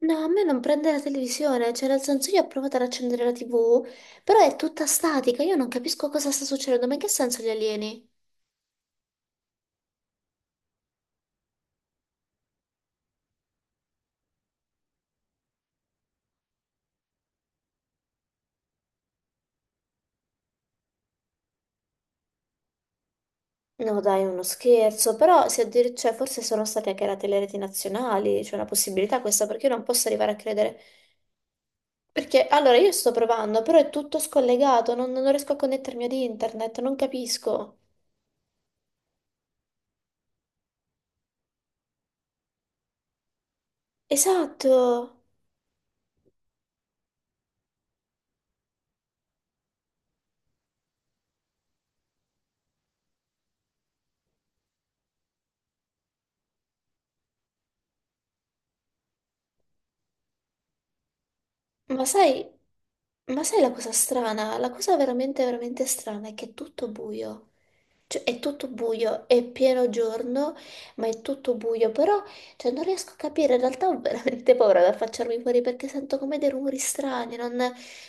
No, a me non prende la televisione, cioè nel senso io ho provato ad accendere la TV, però è tutta statica, io non capisco cosa sta succedendo, ma in che senso gli alieni? No, dai, è uno scherzo, però se addir- cioè, forse sono state anche le telereti nazionali, c'è una possibilità questa, perché io non posso arrivare a credere. Perché allora io sto provando, però è tutto scollegato, non riesco a connettermi ad internet, non capisco. Esatto, ma sai, ma sai la cosa strana? La cosa veramente, veramente strana è che è tutto buio. Cioè, è tutto buio, è pieno giorno, ma è tutto buio, però cioè, non riesco a capire, in realtà ho veramente paura ad affacciarmi fuori perché sento come dei rumori strani,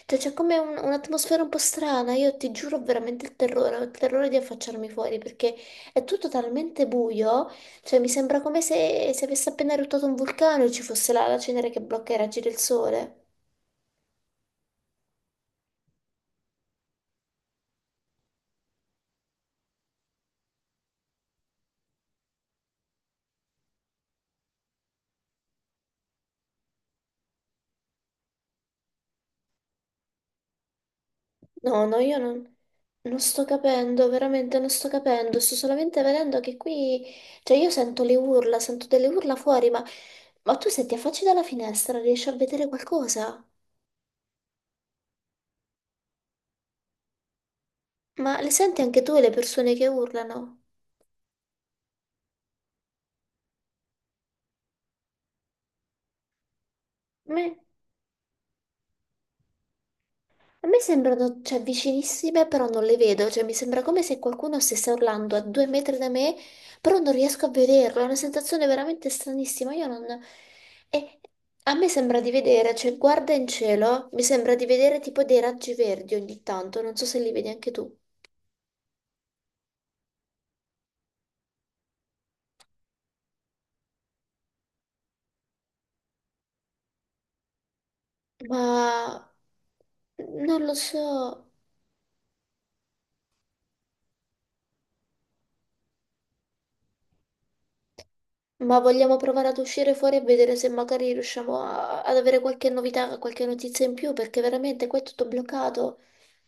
cioè, c'è come un'atmosfera un po' strana, io ti giuro ho veramente il terrore, ho il terrore di affacciarmi fuori perché è tutto talmente buio, cioè mi sembra come se, se avesse appena eruttato un vulcano e ci fosse la cenere che blocca i raggi del sole. No, no, io non, non sto capendo, veramente non sto capendo, sto solamente vedendo che qui, cioè io sento le urla, sento delle urla fuori, ma tu se ti affacci dalla finestra riesci a vedere qualcosa? Ma le senti anche tu le persone che urlano? Me? A me sembrano, cioè, vicinissime, però non le vedo, cioè mi sembra come se qualcuno stesse urlando a due metri da me, però non riesco a vederlo, è una sensazione veramente stranissima, io non... E a me sembra di vedere, cioè, guarda in cielo, mi sembra di vedere tipo dei raggi verdi ogni tanto, non so se li vedi anche tu, ma... non lo so. Ma vogliamo provare ad uscire fuori e vedere se magari riusciamo ad avere qualche novità, qualche notizia in più, perché veramente qua è tutto bloccato.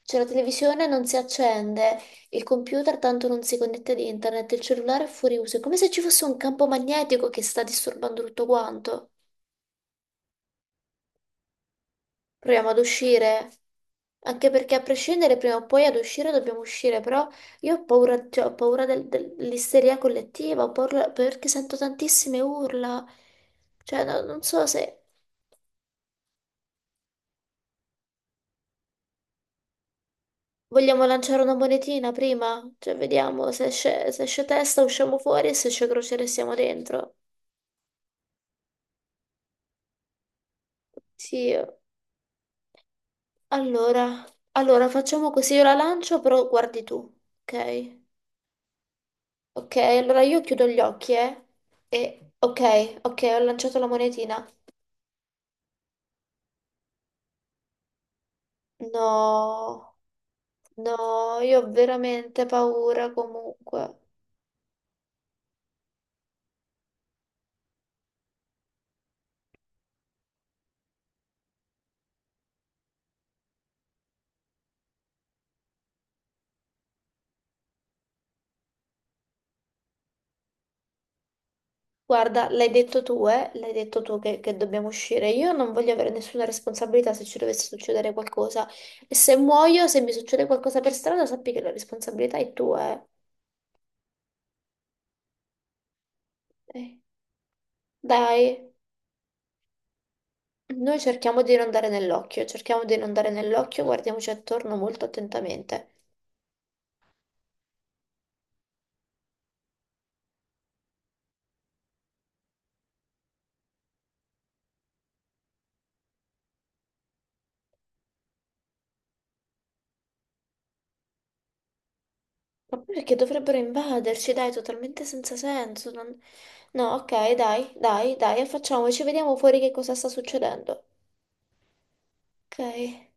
C'è la televisione, non si accende, il computer tanto non si connette ad internet, il cellulare è fuori uso. È come se ci fosse un campo magnetico che sta disturbando tutto quanto. Proviamo ad uscire. Anche perché a prescindere prima o poi ad uscire dobbiamo uscire, però io ho paura, cioè, ho paura dell'isteria collettiva, ho paura perché sento tantissime urla. Cioè, non so se vogliamo lanciare una monetina prima? Cioè, vediamo se esce, se esce testa usciamo fuori e se esce crociere siamo dentro. Sì, allora, allora facciamo così, io la lancio, però guardi tu, ok? Ok, allora io chiudo gli occhi, eh? E, ok, ok, ho lanciato la monetina. No, no, io ho veramente paura comunque. Guarda, l'hai detto tu, eh? L'hai detto tu che dobbiamo uscire. Io non voglio avere nessuna responsabilità se ci dovesse succedere qualcosa. E se muoio, se mi succede qualcosa per strada, sappi che la responsabilità è tua, eh. Eh, dai, noi cerchiamo di non dare nell'occhio, cerchiamo di non dare nell'occhio, guardiamoci attorno molto attentamente. Ma poi perché dovrebbero invaderci? Dai, totalmente senza senso. No, ok, dai, dai, dai, facciamoci, vediamo fuori che cosa sta succedendo. Ok.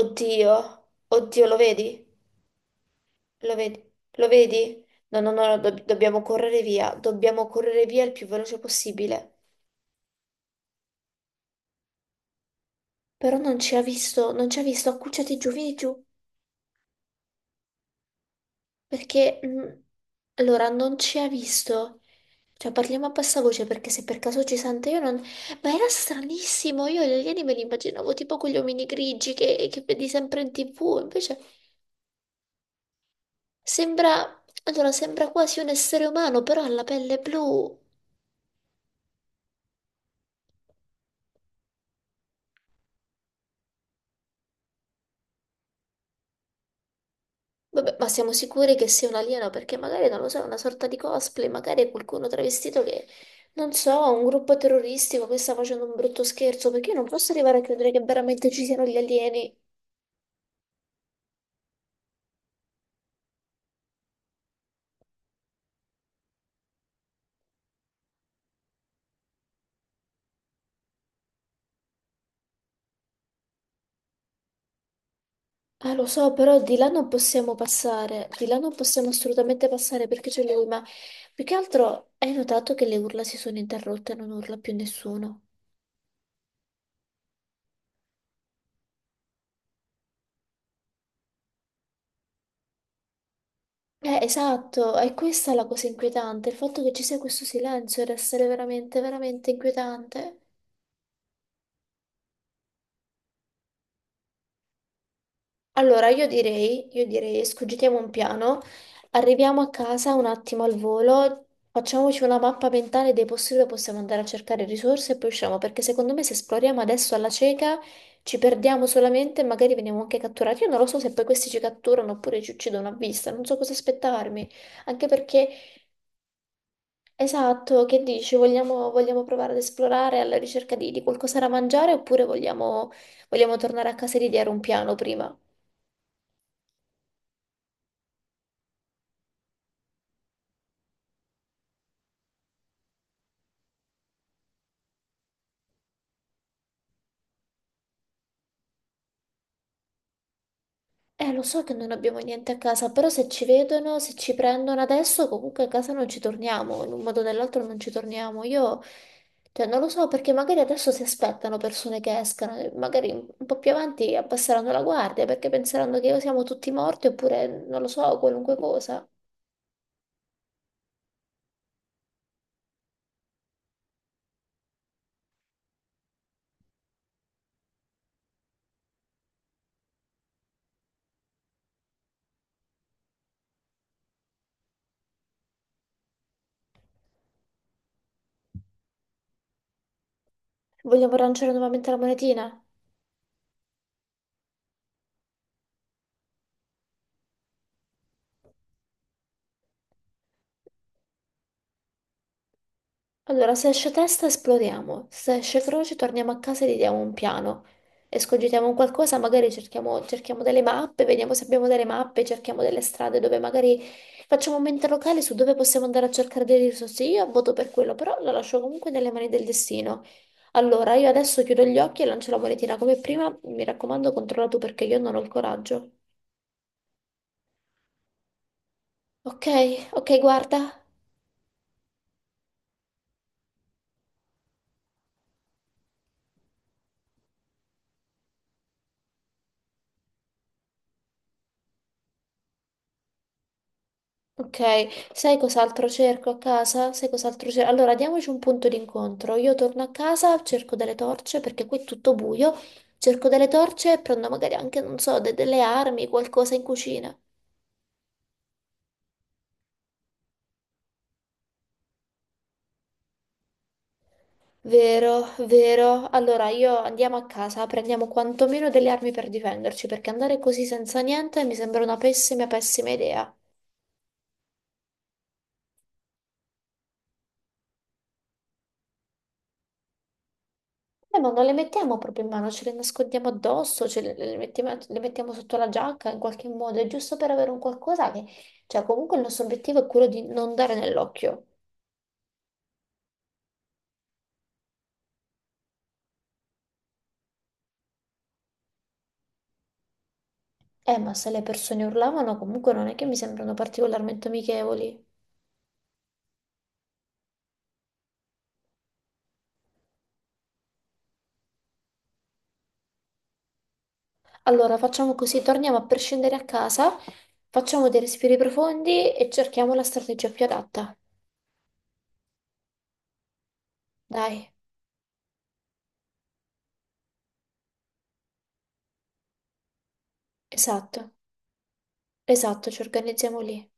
Oddio, oddio, lo vedi? Lo vedi? Lo vedi? No, no, no, dobbiamo correre via il più veloce possibile. Però non ci ha visto, non ci ha visto, accucciati giù, vieni giù, perché... allora, non ci ha visto. Cioè, parliamo a bassa voce perché se per caso ci sente io non... Ma era stranissimo, io gli alieni me li immaginavo tipo quegli omini grigi che vedi sempre in tv, invece sembra... Allora, sembra quasi un essere umano, però ha la pelle blu. Vabbè, ma siamo sicuri che sia un alieno perché magari, non lo so, è una sorta di cosplay, magari è qualcuno travestito che, non so, un gruppo terroristico che sta facendo un brutto scherzo, perché io non posso arrivare a credere che veramente ci siano gli alieni. Ah, lo so, però di là non possiamo passare, di là non possiamo assolutamente passare perché c'è lui, ma più che altro hai notato che le urla si sono interrotte e non urla più nessuno. Esatto, è questa la cosa inquietante, il fatto che ci sia questo silenzio deve essere veramente, veramente inquietante. Allora, io direi, scogitiamo un piano, arriviamo a casa un attimo al volo, facciamoci una mappa mentale dei posti dove possiamo andare a cercare risorse e poi usciamo, perché secondo me se esploriamo adesso alla cieca ci perdiamo solamente e magari veniamo anche catturati. Io non lo so se poi questi ci catturano oppure ci uccidono a vista, non so cosa aspettarmi, anche perché, esatto, che dici, vogliamo, vogliamo provare ad esplorare alla ricerca di qualcosa da mangiare oppure vogliamo, vogliamo tornare a casa e ideare un piano prima? Lo so che non abbiamo niente a casa, però se ci vedono, se ci prendono adesso, comunque a casa non ci torniamo, in un modo o nell'altro non ci torniamo. Io, cioè, non lo so perché magari adesso si aspettano persone che escano, e magari un po' più avanti abbasseranno la guardia perché penseranno che siamo tutti morti oppure, non lo so, qualunque cosa. Vogliamo lanciare nuovamente la monetina? Allora, se esce testa esploriamo, se esce croce torniamo a casa e gli diamo un piano. E scogitiamo un qualcosa, magari cerchiamo, cerchiamo delle mappe, vediamo se abbiamo delle mappe, cerchiamo delle strade dove magari facciamo un mente locale su dove possiamo andare a cercare delle risorse. Io voto per quello, però lo lascio comunque nelle mani del destino. Allora, io adesso chiudo gli occhi e lancio la monetina come prima. Mi raccomando, controlla tu perché io non ho il coraggio. Ok, ok, guarda. Ok, sai cos'altro cerco a casa? Sai cos'altro cerco? Allora, diamoci un punto d'incontro. Io torno a casa, cerco delle torce perché qui è tutto buio. Cerco delle torce e prendo magari anche, non so, delle armi, qualcosa in cucina. Vero, vero. Allora, io andiamo a casa, prendiamo quantomeno delle armi per difenderci, perché andare così senza niente mi sembra una pessima, pessima idea. Ma non le mettiamo proprio in mano, ce le nascondiamo addosso, le mettiamo sotto la giacca in qualche modo, è giusto per avere un qualcosa che... Cioè, comunque il nostro obiettivo è quello di non dare nell'occhio. Ma se le persone urlavano, comunque non è che mi sembrano particolarmente amichevoli. Allora, facciamo così, torniamo a prescindere a casa, facciamo dei respiri profondi e cerchiamo la strategia più adatta. Dai, esatto, esatto, ci organizziamo lì.